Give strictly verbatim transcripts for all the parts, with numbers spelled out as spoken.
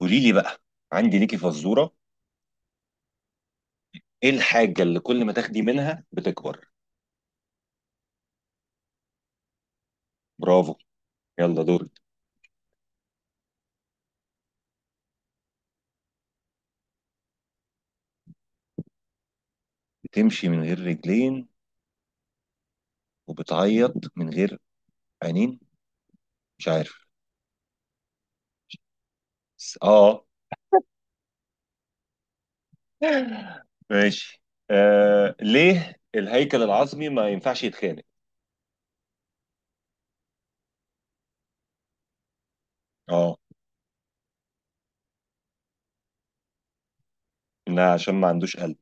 قولي لي بقى. عندي ليكي فزورة. ايه الحاجة اللي كل ما تاخدي منها بتكبر؟ برافو. يلا دورك. بتمشي من غير رجلين وبتعيط من غير عينين. مش عارف. بس- اه. ماشي. آه، ليه الهيكل العظمي ما ينفعش يتخانق؟ اه، انها عشان ما عندوش قلب.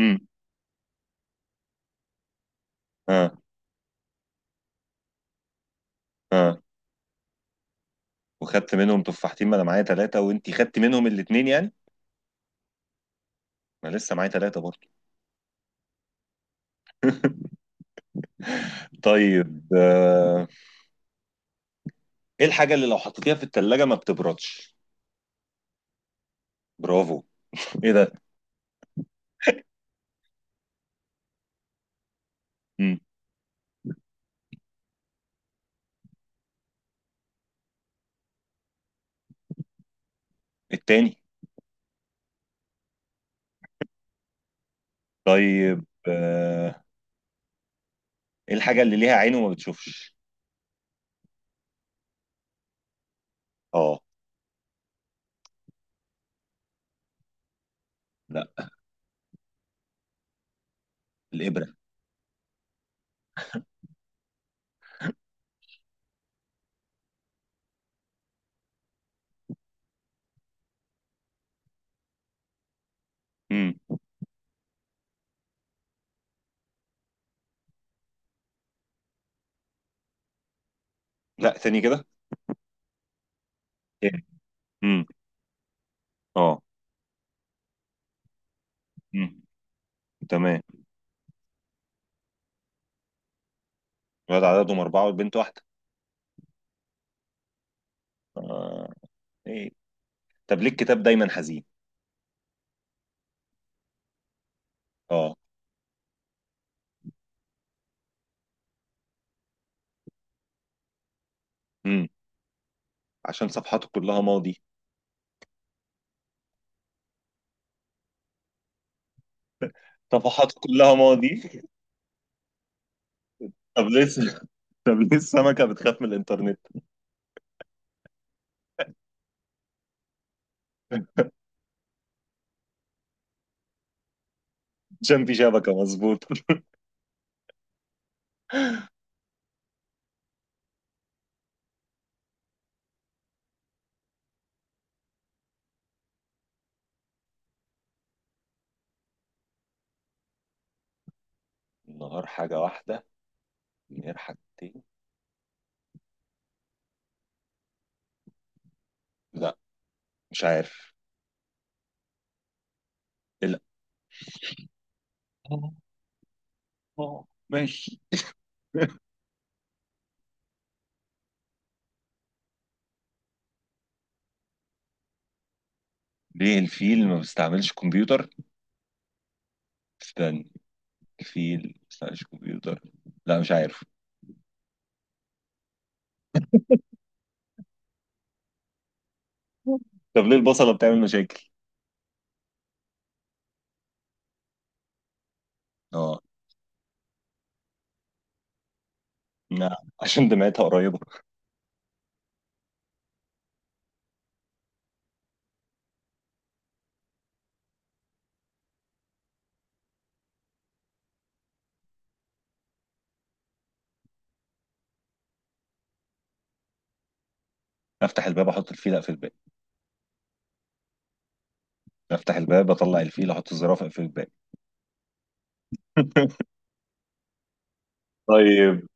امم اه. اه، وخدت منهم تفاحتين، ما انا معايا ثلاثة وانتي خدت منهم الاتنين يعني. ما لسه معايا ثلاثة برضه. طيب آه، ايه الحاجة اللي لو حطيتيها في التلاجة ما بتبردش؟ برافو. ايه ده؟ مم. التاني. طيب آه، ايه الحاجة اللي ليها عين وما بتشوفش؟ اه. لا، الابره. مم. لا، تاني كده. ايه. مم. اه. مم. تمام. الولد عددهم أربعة والبنت واحدة. آه. ايه؟ طب ليه الكتاب دايما حزين؟ اه. مم. عشان صفحاته كلها ماضي. صفحاته كلها ماضي. طب لسه طب ليه السمكة بتخاف من الإنترنت؟ عشان في شبكة، مظبوط. النهار حاجة واحدة، الليل حاجتين. لا، مش عارف. لا. آه، آه، ماشي. ليه الفيل ما بيستعملش كمبيوتر؟ استنى، الفيل ما بيستعملش كمبيوتر. لا، مش عارف. طب ليه البصلة بتعمل مشاكل؟ اه. لا، عشان دمعتها قريبة. افتح الباب، احط الفيل، اقفل الباب. افتح الباب، اطلع الفيل، احط الزرافة، اقفل الباب. طيب.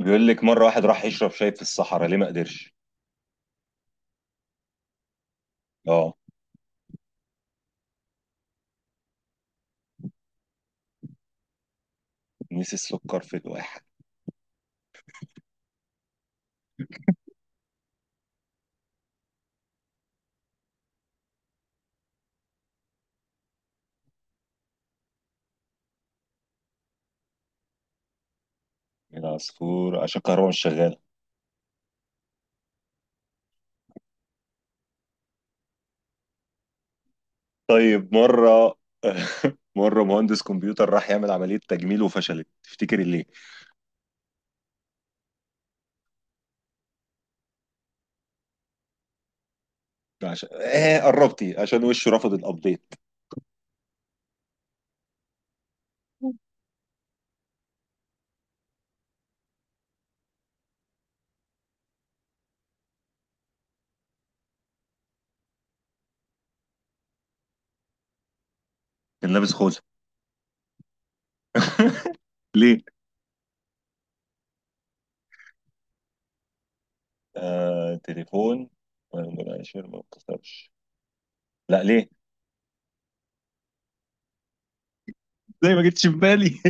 بيقول لك مرة واحد راح يشرب شاي في الصحراء، ليه ما قدرش؟ اه. نسي السكر في الواحد. العصفور عشان الكهرباء مش شغالة. طيب مرة، مرة مهندس كمبيوتر راح يعمل عملية تجميل وفشلت، تفتكر ليه؟ عشان آه، قربتي، عشان وشه رفض الابديت. كان لابس خوذه. ليه؟ آه تليفون. ولا شير ما اتكسرش. لا، ليه؟ زي ما جتش في بالي.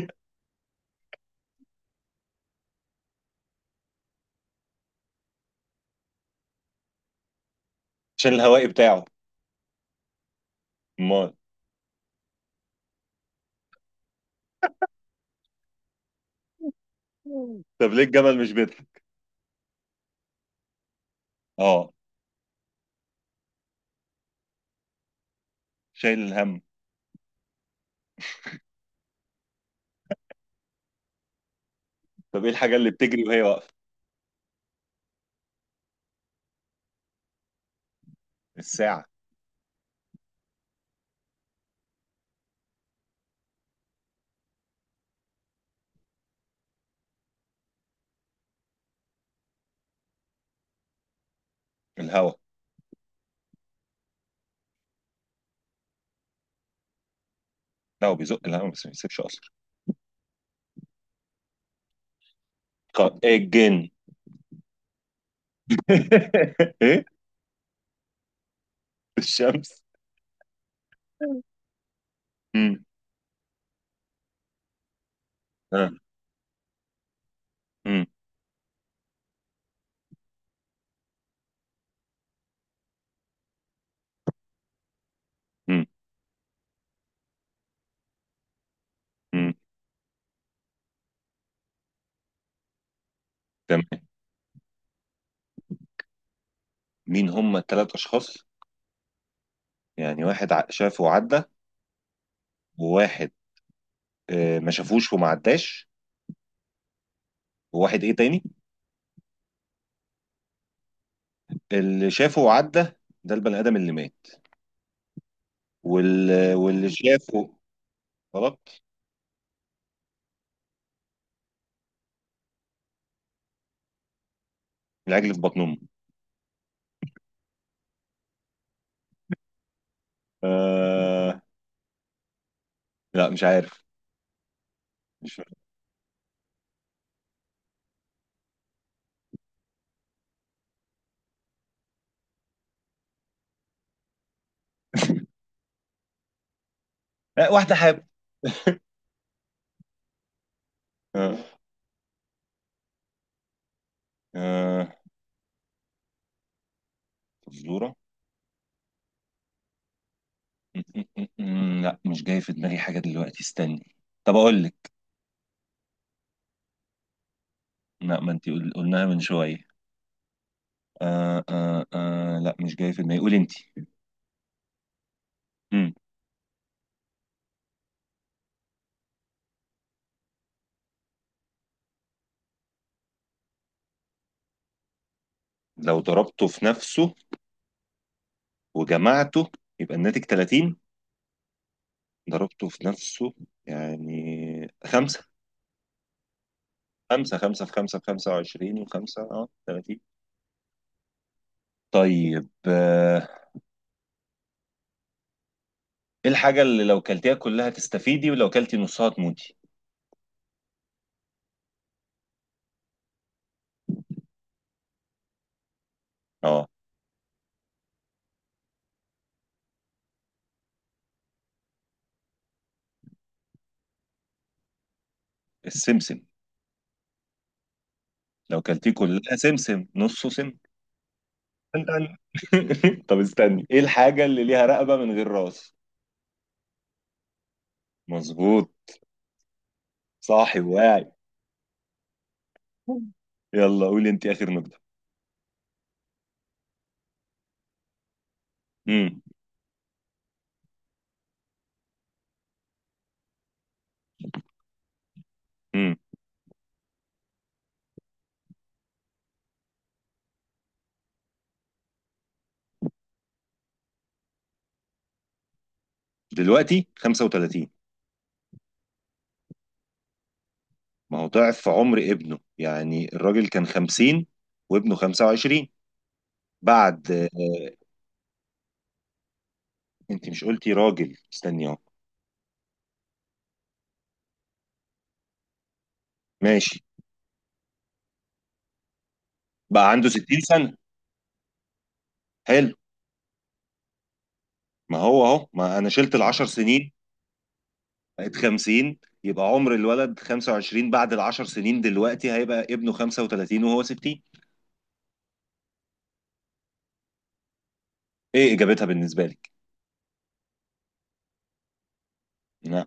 عشان الهوائي بتاعه. امال. طب ليه الجمل مش بيطلع؟ اه. شايل الهم. طب ايه الحاجه اللي بتجري وهي واقفه؟ الساعه. الهوا. لا، هو بيزق الهوا بس ما بيسيبش اثر. ق- إيه الجن؟ ايه. الشمس. امم ها. امم امم تمام. مين هم الثلاث اشخاص؟ يعني واحد ع- شافه وعدى، وواحد آه، ما شافوش وما عداش، وواحد ايه تاني؟ اللي شافه وعدى ده البني ادم اللي مات، وال... واللي شافه. غلط. العجل في بطن امه. آه... لا، مش عارف. مش فاهم. آه، واحده حاب. آه... آه... فزوره. م- م- م- م- لا، مش جاي في دماغي حاجه دلوقتي، استني. طب اقول لك. لا، ما انت قل- قلناها من شويه. آه... آه... آه... لا، مش جاي في دماغي، قولي انت. مم. لو ضربته في نفسه وجمعته يبقى الناتج ثلاثين؟ ضربته في نفسه يعني خمسة. خمسة، خمسة في خمسة في خمسة وعشرين، وخمسة اه ثلاثين. طيب آه، ايه الحاجة اللي لو كلتيها كلها تستفيدي ولو كلتي نصها تموتي؟ اه. السمسم. لو كلتيه كلها سمسم، نصه سم. استنى. طب استني، ايه الحاجة اللي ليها رقبة من غير راس؟ مظبوط. صاحي واعي. يلا قولي انت اخر نقطة. امم امم دلوقتي خمسة وثلاثين. ما هو ضعف في عمر ابنه، يعني الراجل كان خمسين وابنه خمسة وعشرين. بعد آه، انت مش قلتي راجل؟ استني اهو. ماشي. بقى عنده ستين سنة. حلو. ما هو اهو، ما انا شلت ال عشر سنين بقت خمسين، يبقى عمر الولد خمسة وعشرين. بعد ال عشر سنين دلوقتي هيبقى ابنه خمسة وثلاثين وهو ستين. ايه اجابتها بالنسبة لك؟ لا.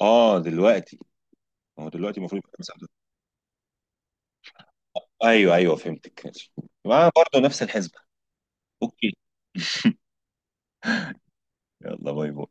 اه دلوقتي. ما هو دلوقتي المفروض يبقى خمسة وثلاثين. ايوه ايوه، فهمتك، ماشي. يبقى برضه نفس الحسبة. اوكي. يلا، باي باي.